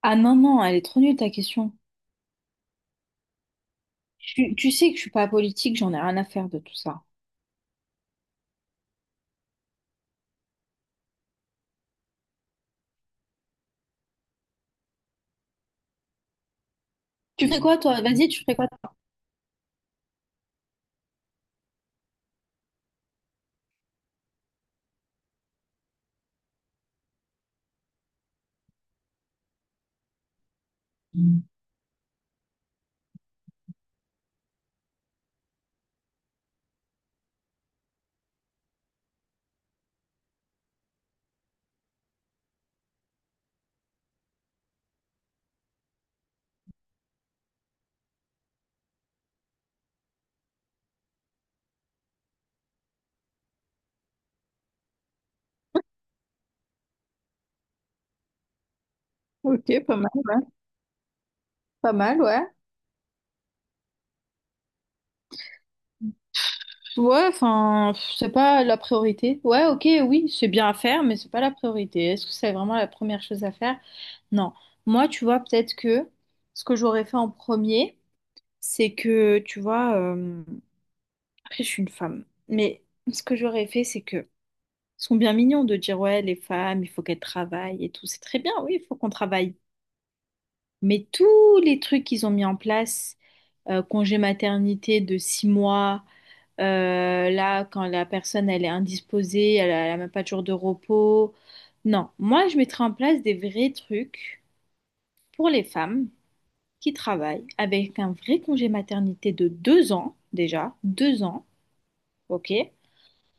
Ah non, non, elle est trop nulle ta question. Tu sais que je suis pas politique, j'en ai rien à faire de tout ça. Tu fais quoi toi? Vas-y, tu fais quoi? Toi. Ok, pas mal, ouais. Pas mal, ouais. Ouais, enfin, pff, c'est pas la priorité. Ouais, ok, oui, c'est bien à faire, mais c'est pas la priorité. Est-ce que c'est vraiment la première chose à faire? Non. Moi, tu vois, peut-être que ce que j'aurais fait en premier, c'est que, tu vois, après, je suis une femme, mais ce que j'aurais fait, c'est que ils sont bien mignons de dire, ouais, les femmes, il faut qu'elles travaillent et tout. C'est très bien, oui, il faut qu'on travaille. Mais tous les trucs qu'ils ont mis en place, congé maternité de 6 mois, là, quand la personne, elle est indisposée, elle n'a même pas de jour de repos. Non, moi, je mettrais en place des vrais trucs pour les femmes qui travaillent avec un vrai congé maternité de 2 ans, déjà, 2 ans, ok?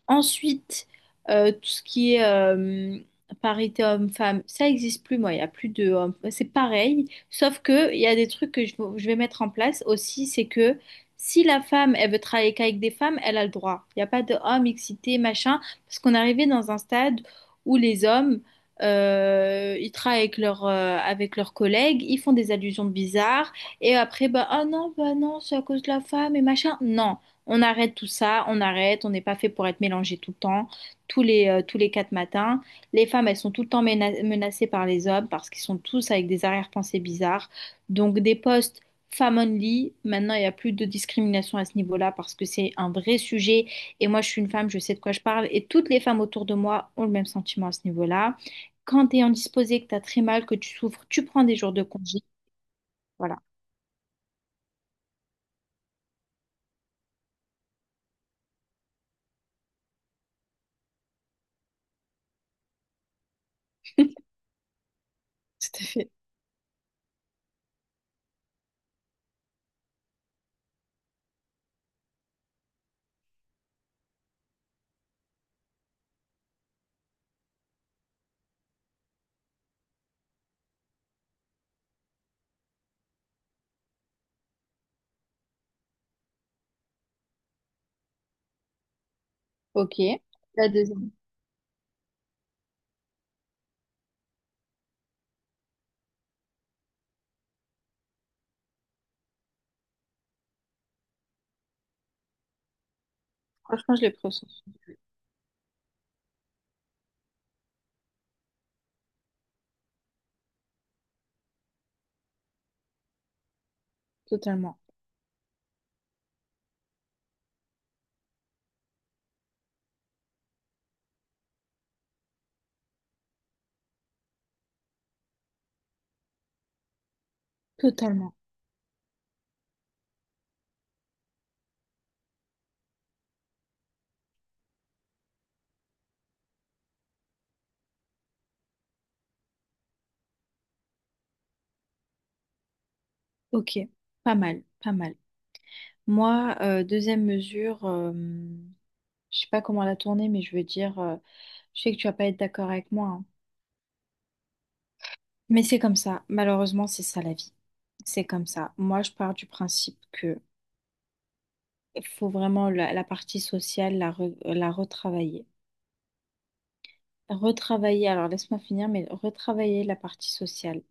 Ensuite, tout ce qui est parité homme-femme, ça existe plus, moi. Il y a plus de hommes. C'est pareil, sauf que il y a des trucs que je vais mettre en place aussi, c'est que si la femme, elle veut travailler qu'avec des femmes, elle a le droit. Il n'y a pas de hommes excités machin, parce qu'on est arrivé dans un stade où les hommes, ils travaillent avec leurs collègues, ils font des allusions bizarres, et après, bah, ah non, bah non, c'est à cause de la femme et machin. Non. On arrête tout ça, on arrête, on n'est pas fait pour être mélangé tout le temps, tous les quatre matins. Les femmes, elles sont tout le temps menacées par les hommes parce qu'ils sont tous avec des arrière-pensées bizarres. Donc des postes femmes only, maintenant il n'y a plus de discrimination à ce niveau-là parce que c'est un vrai sujet. Et moi, je suis une femme, je sais de quoi je parle. Et toutes les femmes autour de moi ont le même sentiment à ce niveau-là. Quand tu es indisposée, que tu as très mal, que tu souffres, tu prends des jours de congé. Voilà. Tout à fait. Ok. La deuxième. Franchement, je l'ai pris au pressens totalement. Totalement. Ok. Pas mal, pas mal. Moi, deuxième mesure, je sais pas comment la tourner, mais je veux dire, je sais que tu vas pas être d'accord avec moi, hein. Mais c'est comme ça. Malheureusement, c'est ça la vie. C'est comme ça. Moi, je pars du principe que faut vraiment la partie sociale la retravailler. Retravailler, alors laisse-moi finir, mais retravailler la partie sociale.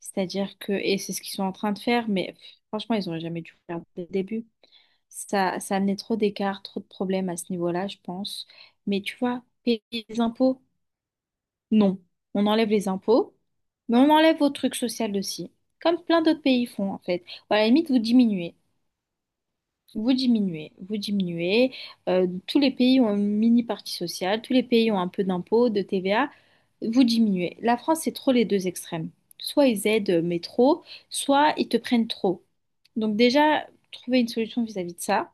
C'est-à-dire que, et c'est ce qu'ils sont en train de faire, mais pff, franchement, ils auraient jamais dû faire dès le début. Ça amenait trop d'écarts, trop de problèmes à ce niveau-là, je pense. Mais tu vois, payer les impôts, non. On enlève les impôts, mais on enlève vos trucs sociaux aussi. Comme plein d'autres pays font, en fait. Ou à la limite, vous diminuez. Vous diminuez, vous diminuez. Tous les pays ont une mini partie sociale, tous les pays ont un peu d'impôts, de TVA. Vous diminuez. La France, c'est trop les deux extrêmes. Soit ils aident, mais trop, soit ils te prennent trop. Donc déjà, trouver une solution vis-à-vis de ça.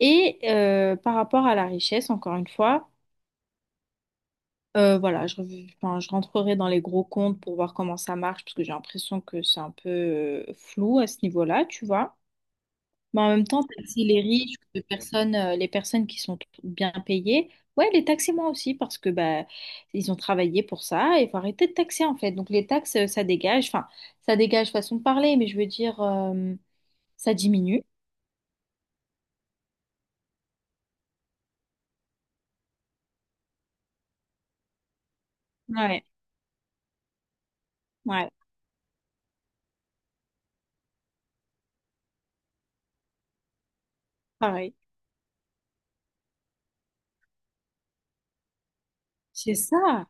Et par rapport à la richesse, encore une fois, voilà, enfin, je rentrerai dans les gros comptes pour voir comment ça marche, parce que j'ai l'impression que c'est un peu flou à ce niveau-là, tu vois. Mais en même temps, taxer les riches, les personnes qui sont bien payées, ouais, les taxer moi aussi, parce que bah, ils ont travaillé pour ça, et il faut arrêter de taxer, en fait. Donc les taxes, ça dégage, enfin, ça dégage façon de parler, mais je veux dire, ça diminue. Ouais, ouais, pareil. C'est ça.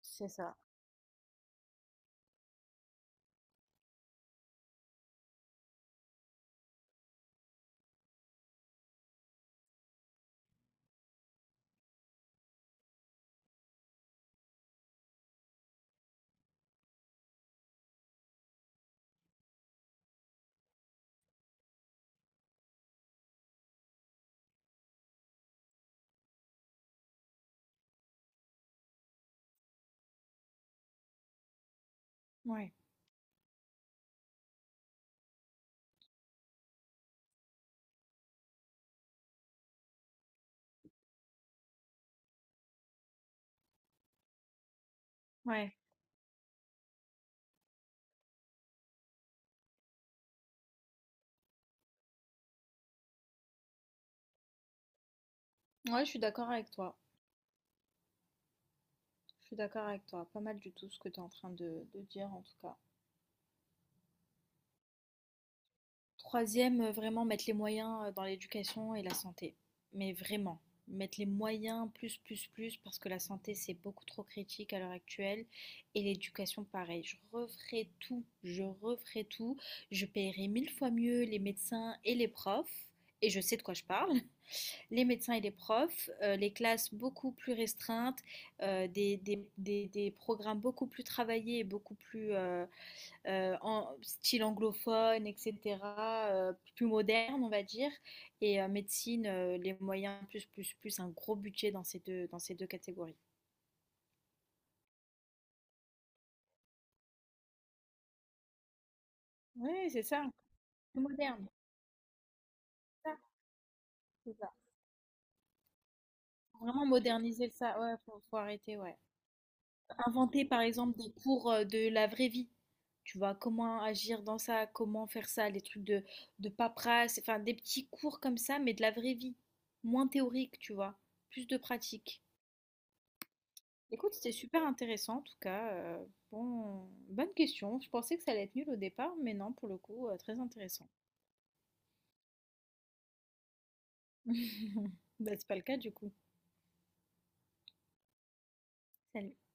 C'est ça. Ouais, ouais. Ouais, je suis d'accord avec toi. Je suis d'accord avec toi. Pas mal du tout ce que tu es en train de dire en tout cas. Troisième, vraiment mettre les moyens dans l'éducation et la santé. Mais vraiment, mettre les moyens plus, plus, plus, parce que la santé, c'est beaucoup trop critique à l'heure actuelle. Et l'éducation, pareil. Je referai tout. Je referai tout. Je paierai mille fois mieux les médecins et les profs. Et je sais de quoi je parle. Les médecins et les profs, les classes beaucoup plus restreintes, des programmes beaucoup plus travaillés beaucoup plus en style anglophone, etc., plus moderne, on va dire, et médecine, les moyens plus, plus, plus, un gros budget dans ces deux catégories. Oui, c'est ça, plus moderne, c'est ça, c'est ça. Faut vraiment moderniser ça, ouais, faut, faut arrêter, ouais. Inventer par exemple des cours de la vraie vie. Tu vois, comment agir dans ça, comment faire ça, des trucs de paperasse, enfin des petits cours comme ça, mais de la vraie vie. Moins théorique, tu vois, plus de pratique. Écoute, c'était super intéressant en tout cas. Bon, bonne question. Je pensais que ça allait être nul au départ, mais non, pour le coup, très intéressant. Bah, c'est pas le cas du coup. Salut.